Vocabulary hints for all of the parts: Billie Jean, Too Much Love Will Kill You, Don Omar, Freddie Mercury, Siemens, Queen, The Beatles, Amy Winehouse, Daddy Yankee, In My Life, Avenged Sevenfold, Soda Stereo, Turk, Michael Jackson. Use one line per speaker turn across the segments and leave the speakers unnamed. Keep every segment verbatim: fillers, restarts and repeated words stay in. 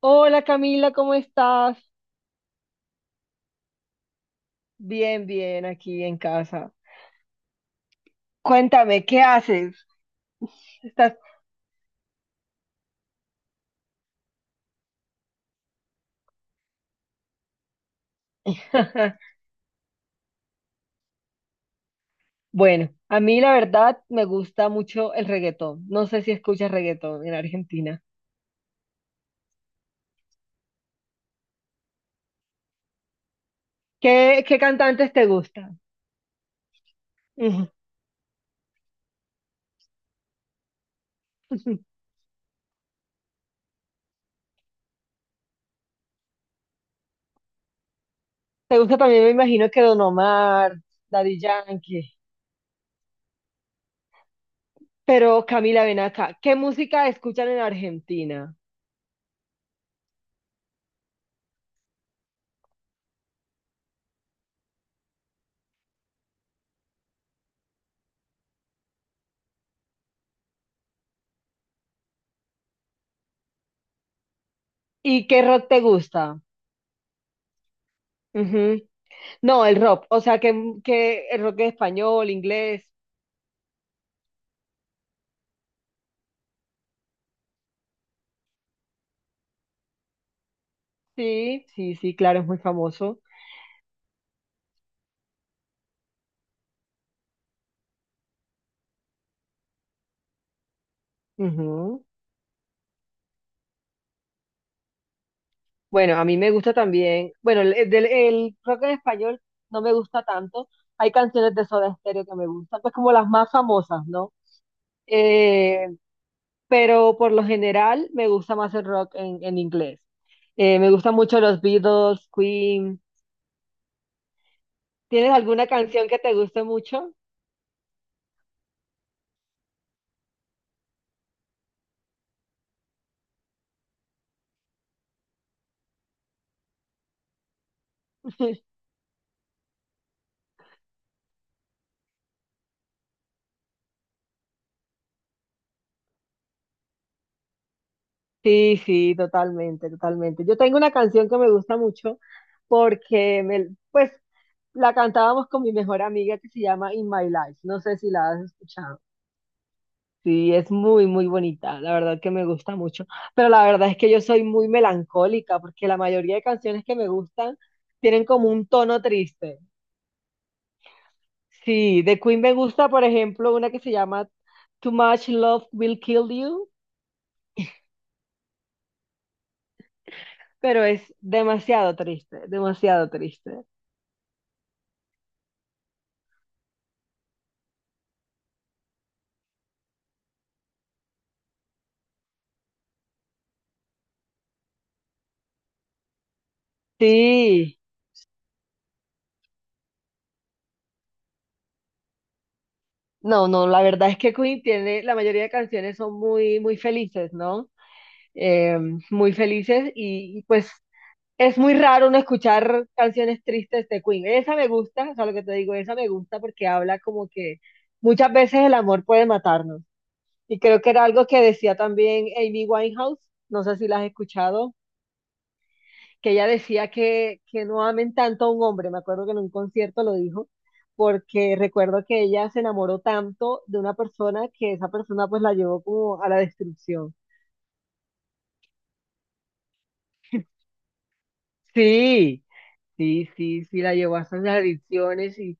Hola Camila, ¿cómo estás? Bien, bien, aquí en casa. Cuéntame, ¿qué haces? Estás... Bueno, a mí la verdad me gusta mucho el reggaetón. No sé si escuchas reggaetón en Argentina. ¿Qué, qué cantantes te gustan? Ujú. Te gusta también, me imagino que Don Omar, Daddy Yankee. Pero Camila, ven acá. ¿Qué música escuchan en Argentina? ¿Y qué rock te gusta? Ujú. No, el rock, o sea, que, que el rock es español, inglés. Sí, sí, sí, claro, es muy famoso. Ujú. Bueno, a mí me gusta también, bueno, el, el- el rock en español no me gusta tanto. Hay canciones de Soda Stereo que me gustan, pues como las más famosas, ¿no? Eh, pero por lo general me gusta más el rock en, en inglés. Eh, me gustan mucho los Beatles, Queen. ¿Tienes alguna canción que te guste mucho? Sí, sí, totalmente, totalmente. Yo tengo una canción que me gusta mucho porque me, pues la cantábamos con mi mejor amiga, que se llama In My Life. No sé si la has escuchado. Sí, es muy, muy bonita, la verdad que me gusta mucho, pero la verdad es que yo soy muy melancólica porque la mayoría de canciones que me gustan tienen como un tono triste. Sí, de Queen me gusta, por ejemplo, una que se llama Too Much Love Will Kill You, pero es demasiado triste, demasiado triste. Sí, no, no, la verdad es que Queen tiene, la mayoría de canciones son muy, muy felices, ¿no? eh, muy felices y, y, pues es muy raro no escuchar canciones tristes de Queen. Esa me gusta, o sea, lo que te digo, esa me gusta porque habla como que muchas veces el amor puede matarnos. Y creo que era algo que decía también Amy Winehouse, no sé si la has escuchado, que ella decía que, que no amen tanto a un hombre. Me acuerdo que en un concierto lo dijo, porque recuerdo que ella se enamoró tanto de una persona que esa persona pues la llevó como a la destrucción. Sí, sí, sí, sí, la llevó hasta las adicciones y,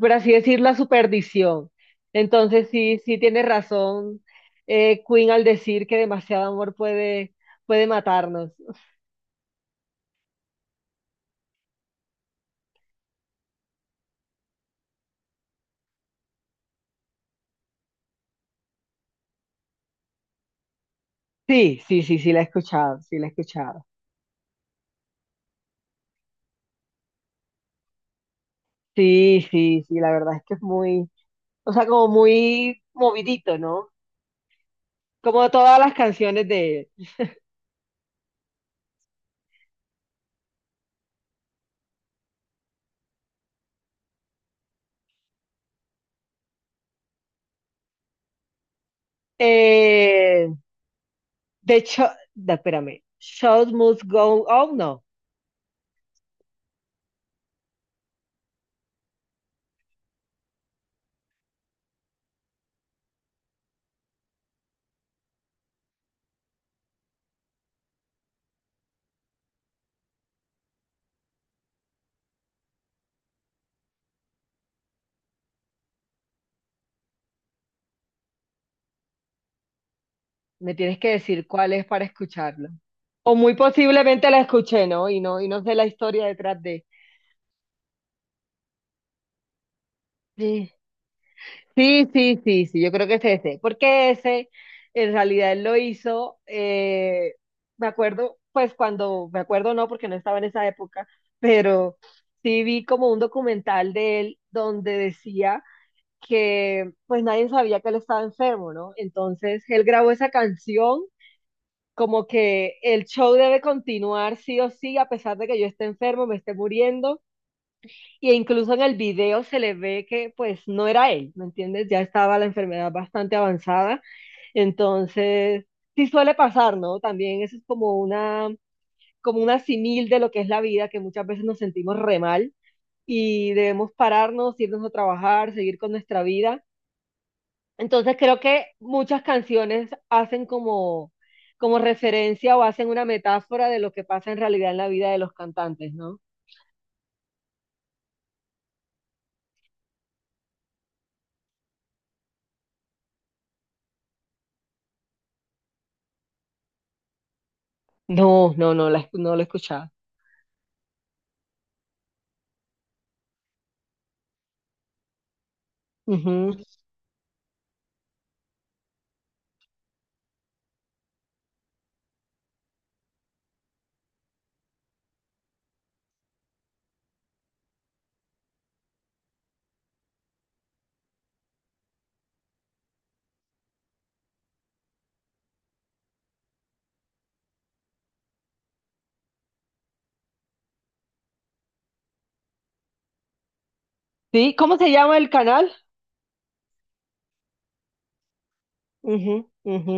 por así decir, la superdición. Entonces, sí, sí tiene razón eh, Queen al decir que demasiado amor puede, puede matarnos. Sí, sí, sí, sí, la he escuchado, sí, la he escuchado. Sí, sí, sí, la verdad es que es muy, o sea, como muy movidito, ¿no? Como todas las canciones de él. Eh, de hecho, da- espérame, Shows Must Go On, no. Me tienes que decir cuál es para escucharlo. O muy posiblemente la escuché, ¿no? Y no, y no sé la historia detrás de. Sí, sí, sí, sí, sí, yo creo que es ese. Porque ese, en realidad, él lo hizo. Eh, me acuerdo, pues cuando, me acuerdo no, porque no estaba en esa época, pero sí vi como un documental de él donde decía que pues nadie sabía que él estaba enfermo, ¿no? Entonces él grabó esa canción como que el show debe continuar sí o sí, a pesar de que yo esté enfermo, me esté muriendo, y incluso en el video se le ve que pues no era él, ¿me entiendes? Ya estaba la enfermedad bastante avanzada, entonces sí suele pasar, ¿no? También eso es como una, como una simil de lo que es la vida, que muchas veces nos sentimos re mal y debemos pararnos, irnos a trabajar, seguir con nuestra vida. Entonces creo que muchas canciones hacen como, como referencia o hacen una metáfora de lo que pasa en realidad en la vida de los cantantes, ¿no? No, no, no, la, escu- no lo he escuchado. Ujú. Sí, ¿cómo se llama el canal? Ujú, ujú.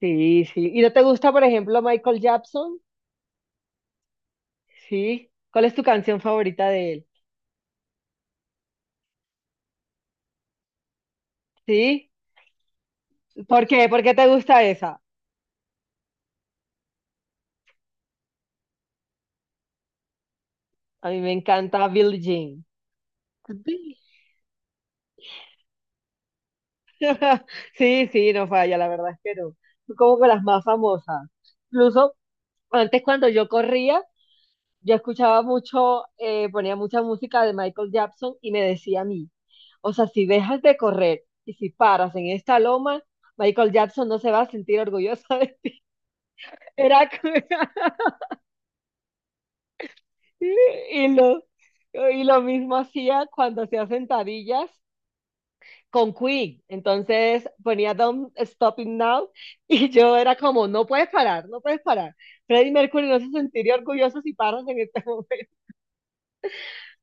Sí, sí. ¿Y no te gusta, por ejemplo, Michael Jackson? Sí. ¿Cuál es tu canción favorita de él? Sí. ¿Por qué? ¿Por qué te gusta esa? A mí me encanta Billie Jean. Sí, sí, no falla, la verdad es que no. Como que las más famosas. Incluso antes cuando yo corría, yo escuchaba mucho, eh, ponía mucha música de Michael Jackson y me decía a mí, o sea, si dejas de correr y si paras en esta loma, Michael Jackson no se va a sentir orgulloso de ti". Era como- y lo, y lo mismo hacía cuando hacía sentadillas con Queen. Entonces ponía Don't Stop It Now y yo era como, no puedes parar, no puedes parar. Freddie Mercury no se sentiría orgulloso si paras en este momento.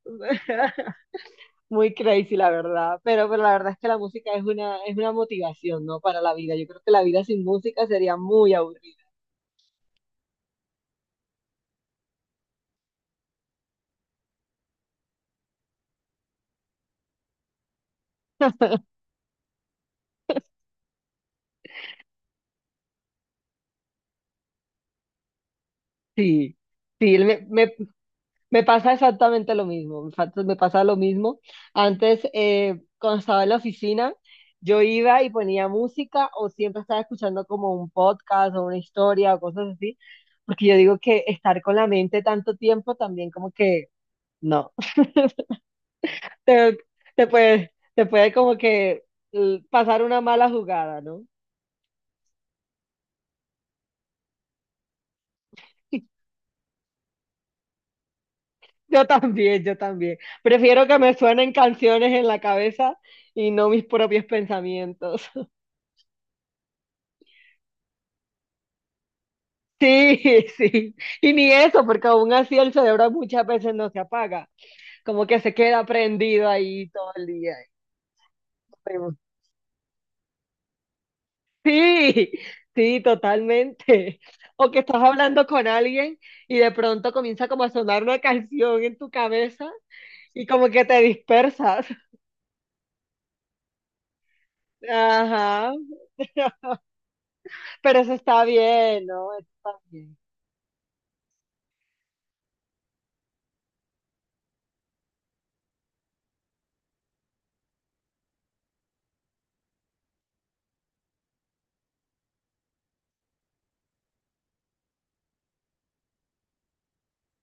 Muy crazy, la verdad. Pero, pero la verdad es que la música es una, es una motivación, ¿no? Para la vida. Yo creo que la vida sin música sería muy aburrida. Sí, sí, me, me me pasa exactamente lo mismo, me fa- me pasa lo mismo. Antes, eh, cuando estaba en la oficina, yo iba y ponía música o siempre estaba escuchando como un podcast o una historia o cosas así, porque yo digo que estar con la mente tanto tiempo también como que no, te, te puede, te puede como que eh, pasar una mala jugada, ¿no? Yo también, yo también. Prefiero que me suenen canciones en la cabeza y no mis propios pensamientos. Sí, sí. Y ni eso, porque aún así el cerebro muchas veces no se apaga, como que se queda prendido ahí todo el día. Pero sí, sí, totalmente. O que estás hablando con alguien y de pronto comienza como a sonar una canción en tu cabeza y como que te dispersas. Ajá. Pero eso está bien, ¿no? Eso está bien.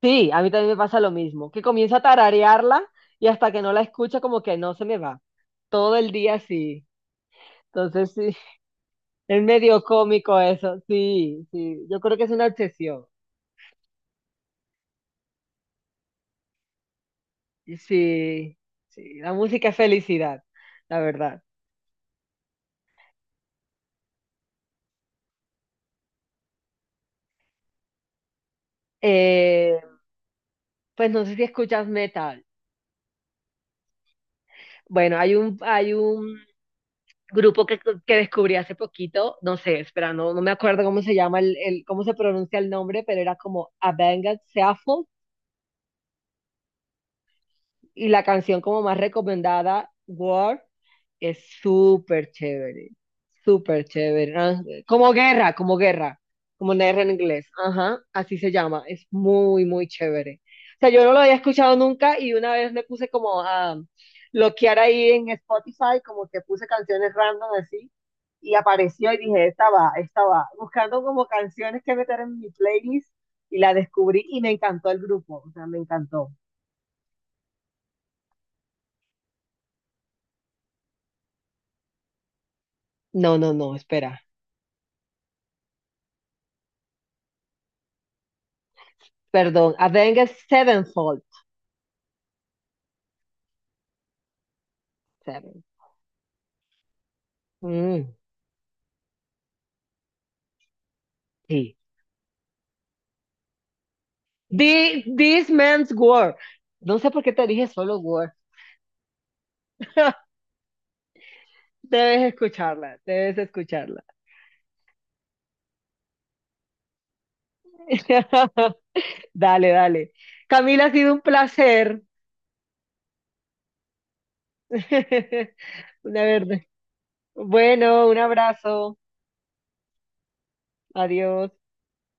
Sí, a mí también me pasa lo mismo, que comienza a tararearla y hasta que no la escucha como que no se me va. Todo el día así. Entonces, sí, es medio cómico eso. Sí, sí, yo creo que es una obsesión. Y sí, sí, la música es felicidad, la verdad. Eh, pues no sé si escuchas metal. Bueno, hay un, hay un grupo que, que descubrí hace poquito, no sé, espera, no, no me acuerdo cómo se llama, el, el- cómo se pronuncia el nombre, pero era como Avenged Sevenfold. Y la canción como más recomendada, War, es súper chévere, súper chévere, ¿no? Como guerra, como guerra, como una guerra en inglés. Ajá, así se llama. Es muy, muy chévere. O sea, yo no lo había escuchado nunca y una vez me puse como a bloquear ahí en Spotify, como que puse canciones random así y apareció y dije, esta va, esta va. Buscando como canciones que meter en mi playlist y la descubrí y me encantó el grupo, o sea, me encantó. No, no, no, espera. Perdón, Avenged Sevenfold. Seven. Mm, sí. The, this Man's War. No sé por qué te dije solo War. Debes escucharla, debes escucharla. Dale, dale. Camila, ha sido un placer. Una verde. Bueno, un abrazo. Adiós.